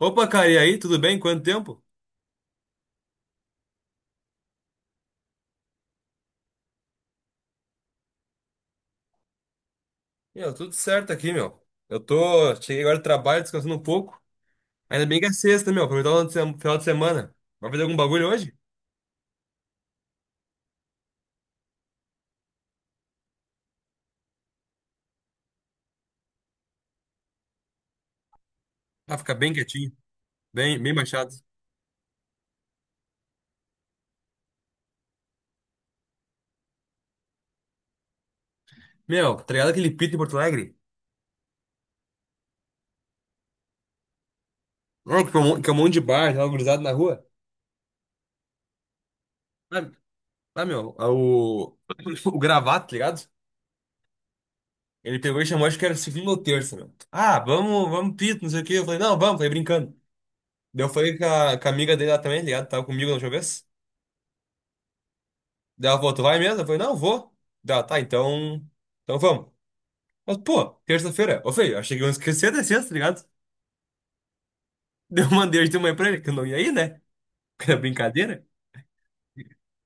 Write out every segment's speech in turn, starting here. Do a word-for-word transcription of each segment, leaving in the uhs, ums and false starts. Opa, cara, e aí, tudo bem? Quanto tempo? Meu, tudo certo aqui, meu. Eu tô. Cheguei agora do trabalho, descansando um pouco. Ainda bem que é sexta, meu. Aproveitar o final de final de semana. Vai fazer algum bagulho hoje? Vai ficar bem quietinho. Bem, bem baixado. Meu, tá ligado aquele pito em Porto Alegre? Não, que é um, mon- que é um monte de bar, tava gurizado na rua. Ah, ah, meu, ah, o. O gravata, tá ligado? Ele pegou e chamou, acho que era segunda ou terça, meu. Ah, vamos, vamos pito, não sei o quê. Eu falei, não, vamos, falei brincando. Daí eu falei com a, com a amiga dele lá também, tá ligado? Tava comigo na última vez. Dela falou, tu vai mesmo? Eu falei, não, vou. Dela, tá, então. Então vamos. Mas, pô, terça-feira. Ô, feio, achei que eu esqueci da sexta, tá ligado? Deu uma hoje de manhã pra ele, que eu não ia ir, né? Porque era brincadeira.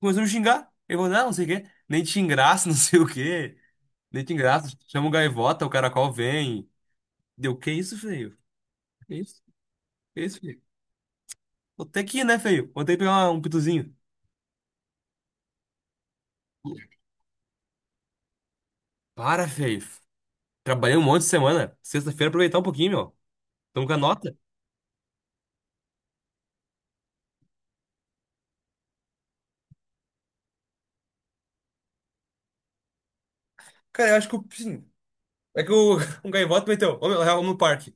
Começou a me xingar. Ele falou, não, não sei o quê. Nem te engraça, não sei o quê. Nem te engraça. Chama o gaivota, o caracol vem. Deu, que isso, feio? Que isso? Que isso, feio? Vou ter que ir, né, feio? Vou ter que pegar um pituzinho. Para, feio. Trabalhei um monte de semana. Sexta-feira aproveitar um pouquinho, meu. Tamo com a nota. Cara, eu acho que eu, sim. É que o, um gaivota meteu, ô meu, real, no parque.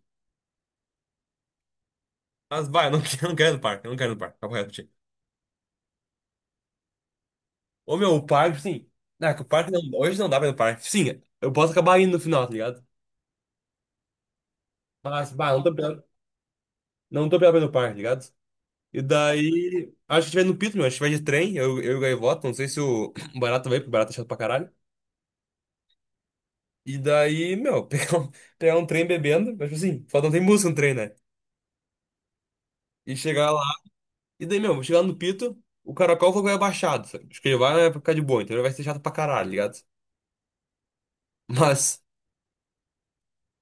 Mas vai, eu não quero, eu não quero no parque, eu não quero no parque, papo reto, pra ti. Ô meu, o parque, sim. Não, é que o parque não, hoje não dá pra ir no parque. Sim, eu posso acabar indo no final, tá ligado? Mas, bah, não tô preparado, não tô preparado pra ir no parque, tá ligado? E daí, acho que a gente vai no Pito, meu, a gente vai de trem, eu, eu e o gaivota, não sei se o o vai, porque o Barata é chato pra caralho. E daí, meu, pegar um, pegar um trem bebendo, mas tipo assim, só não tem música no trem, né? E chegar lá. E daí, meu, chegando no Pito, o caracol foi Goiaba baixado, sabe? Acho que ele vai ficar de boa, então ele vai ser chato pra caralho, tá ligado? Mas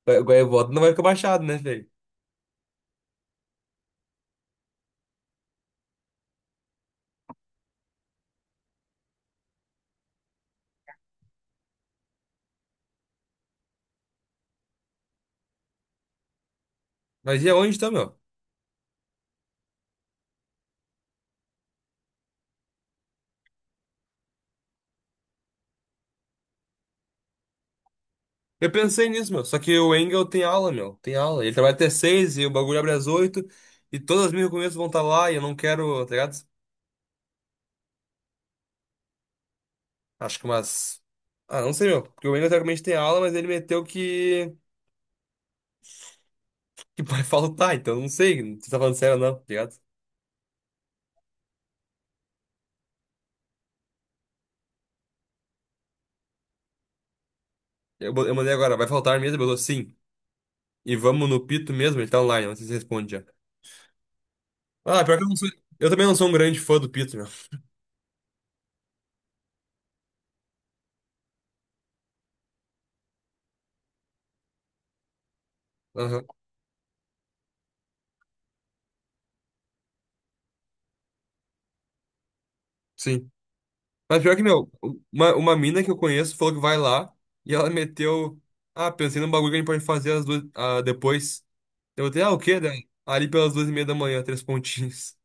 o Goiabota não vai ficar baixado, né, velho? Mas e aonde tá, meu? Eu pensei nisso, meu. Só que o Engel tem aula, meu. Tem aula. Ele trabalha até seis e o bagulho abre às oito. E todas as minhas recomendações vão estar lá e eu não quero, tá ligado? Acho que umas. Ah, não sei, meu. Porque o Engel teoricamente tem aula, mas ele meteu que. que vai faltar, então não sei se tá falando sério ou não, tá ligado? Eu, bo- eu mandei agora, vai faltar mesmo? Ele botou sim. E vamos no Pito mesmo? Ele tá online, não sei se responde já. Ah, pior que eu não sou. Eu também não sou um grande fã do Pito, meu. Aham, sim. Mas pior que, meu, uma, uma mina que eu conheço falou que vai lá e ela meteu. Ah, pensei num bagulho que a gente pode fazer às duas, ah, depois. Eu botei, ah, o quê, daí? Ali pelas duas e meia da manhã, três pontinhos.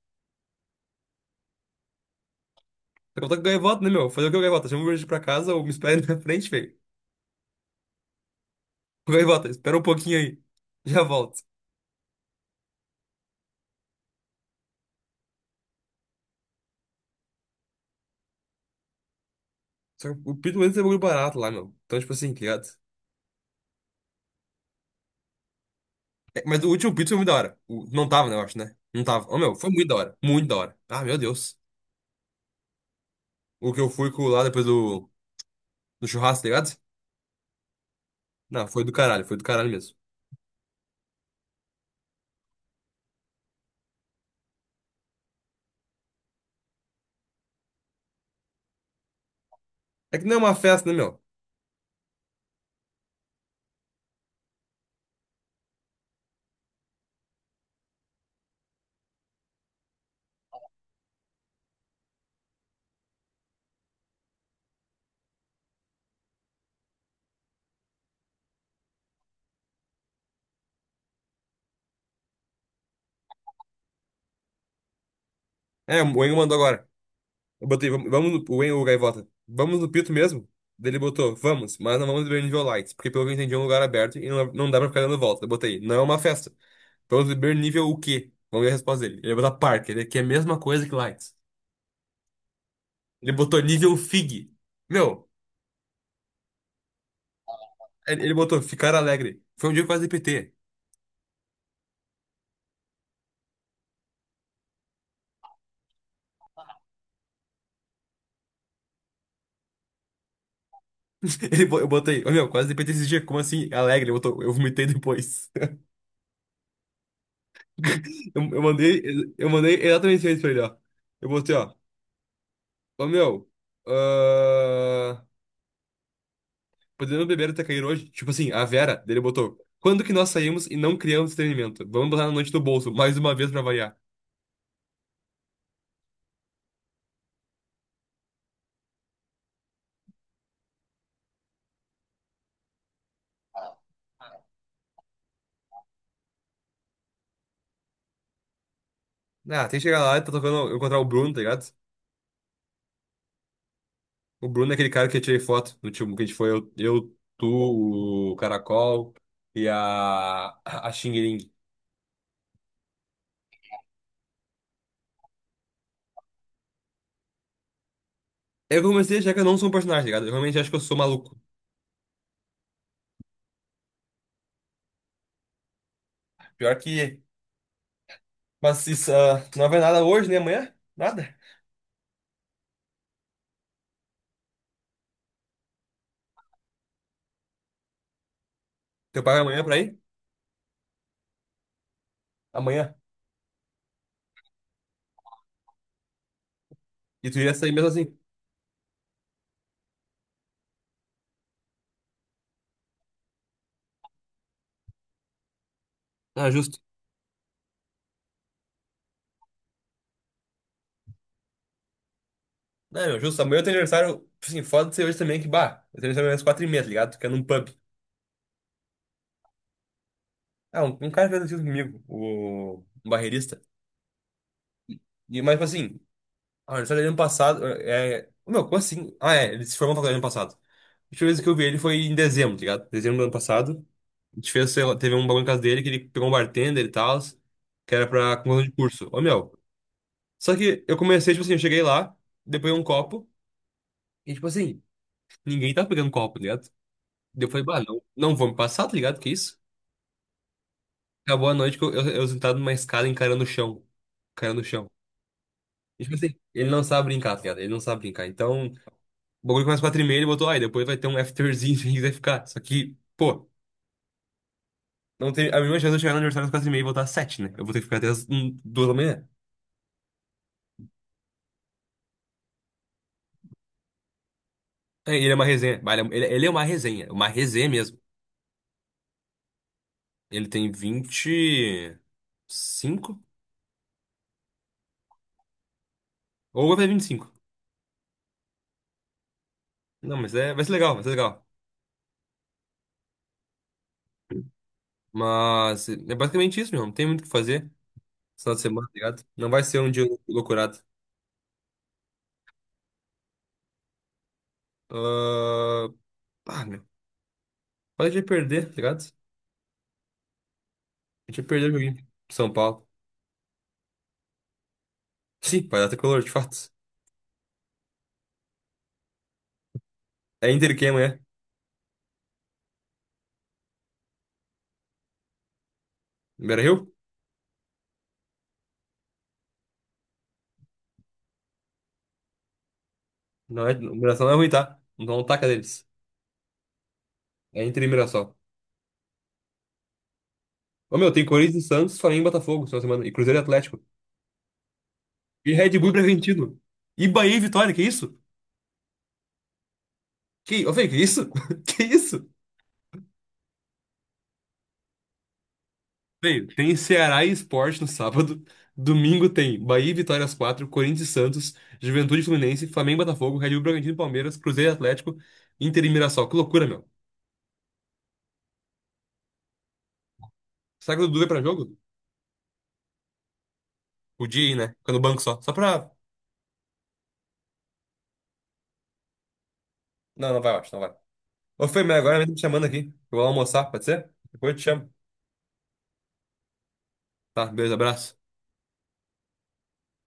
Eu tô com gaivota, né, meu? Fazer o que, o gaivota? Chama o Uber pra casa ou me espera na frente, velho? Ô, Gaivota, espera um pouquinho aí. Já volto. Só que o Pito mesmo é um bagulho barato lá, meu. Então, tipo assim, tá ligado? É, mas o último pito foi muito da hora. O- Não tava, né, eu acho, né? Não tava. Ô, meu, foi muito da hora. Muito da hora. Ah, meu Deus. O que eu fui com lá depois do, do churrasco, tá ligado? Não, foi do caralho, foi do caralho mesmo. É que não é uma festa, né, meu? É, o Engo mandou agora. Eu botei, vamos, vamos no, o Engo, o Gaivota. Vamos no pito mesmo? Daí ele botou, vamos, mas não vamos beber nível light, porque pelo que eu entendi é um lugar aberto e não, não dá pra ficar dando volta. Eu botei, não é uma festa. Vamos beber nível o quê? Vamos ver a resposta dele. Ele botou parque, ele é que é a mesma coisa que light. Ele botou nível fig. Meu. Ele ele botou, ficar alegre. Foi um dia que eu quase de P T. Ele, bo- eu botei, ô meu, quase de P T esse dia, como assim? Alegre, ele botou, eu vomitei depois. Eu, eu mandei, eu mandei exatamente isso pra ele, ó. Eu botei, ó, ô meu, ah, podemos beber até cair hoje? Tipo assim, a Vera, dele botou, quando que nós saímos e não criamos entretenimento? Vamos botar na noite do bolso, mais uma vez pra variar. Ah, tem que chegar lá e tá tocando, encontrar o Bruno, tá ligado? O Bruno é aquele cara que eu tirei foto do time que a gente foi, eu, eu, tu, o Caracol e a, a Xing Ling. Eu comecei a achar que eu não sou um personagem, tá ligado? Eu realmente acho que eu sou maluco. Pior que. Mas isso, ah, tu não vai nada hoje, nem amanhã? Nada. Teu pai vai amanhã pra ir? Amanhã. E tu ia sair mesmo assim. Ah, justo. Não, meu, justo. Amanhã eu tenho aniversário. Assim, foda de ser hoje também, que bah. Eu tenho aniversário às quatro e meia, tá ligado? Tu quer num pub. Ah, um, um cara fez isso comigo, o um barreirista. E, mas, tipo assim, ah, ele saiu ano passado. É... Ô, meu, como assim? Ah, é, ele se formou na faculdade ano passado. A última vez que eu vi ele foi em dezembro, tá ligado? Dezembro do ano passado. A gente fez, sei lá, teve um bagulho em casa dele que ele pegou um bartender e tal, que era pra conclusão de curso. Ô, meu. Só que eu comecei, tipo assim, eu cheguei lá, depois um copo, e tipo assim, ninguém tava pegando copo, tá ligado? Daí eu falei, bah, não, não vou me passar, tá ligado? Que isso? Acabou a noite que eu, eu, eu sentado numa escada encarando o chão. Encarando o chão. E, tipo assim, ele não sabe brincar, tá ligado? Ele não sabe brincar. Então. O bagulho começa quatro e meia, ele botou, ai, depois vai ter um afterzinho, que vai ficar. Só que, pô, não tem a mesma chance de eu chegar no aniversário às quatro e meia e voltar às sete, né? Eu vou ter que ficar até às hum, duas da manhã. É, e ele é uma resenha. Bah, Ele é, ele- é, ele é uma resenha, uma resenha mesmo. Ele tem vinte e cinco. Ou vai fazer vinte e cinco. Não, mas é, vai ser legal, vai ser legal. Mas é basicamente isso, meu. Não tem muito o que fazer esse final de semana, tá ligado? Não vai ser um dia loucurado. Ah, ah, meu. Pode perder, tá ligado? A gente vai perder o joguinho. São Paulo. Sim, vai dar tricolor, de fato. É Inter e quem amanhã? Beira-Rio? Não é, o Mirassol não é ruim, tá? Então não taca deles. É Inter e Mirassol. Ô, meu, tem Corinthians e Santos, Flamengo e Botafogo, essa semana. E Cruzeiro e Atlético. E Red Bull e Bragantino. E Bahia e Vitória, que isso? Que, ô, velho, que isso? Que isso? Velho, tem Ceará e Sport no sábado. Domingo tem Bahia e Vitória às quatro, Corinthians e Santos, Juventude e Fluminense, Flamengo e Botafogo, Red Bull e Bragantino e Palmeiras, Cruzeiro e Atlético, Inter e Mirassol. Que loucura, meu. Será que o Dudu vai pra jogo? Podia ir, né? Fica no banco só. Só pra. Não, não vai, eu acho, não vai. Ô, Fê, mas agora mesmo me chamando aqui. Eu vou almoçar, pode ser? Depois eu te chamo. Tá, beijo, abraço.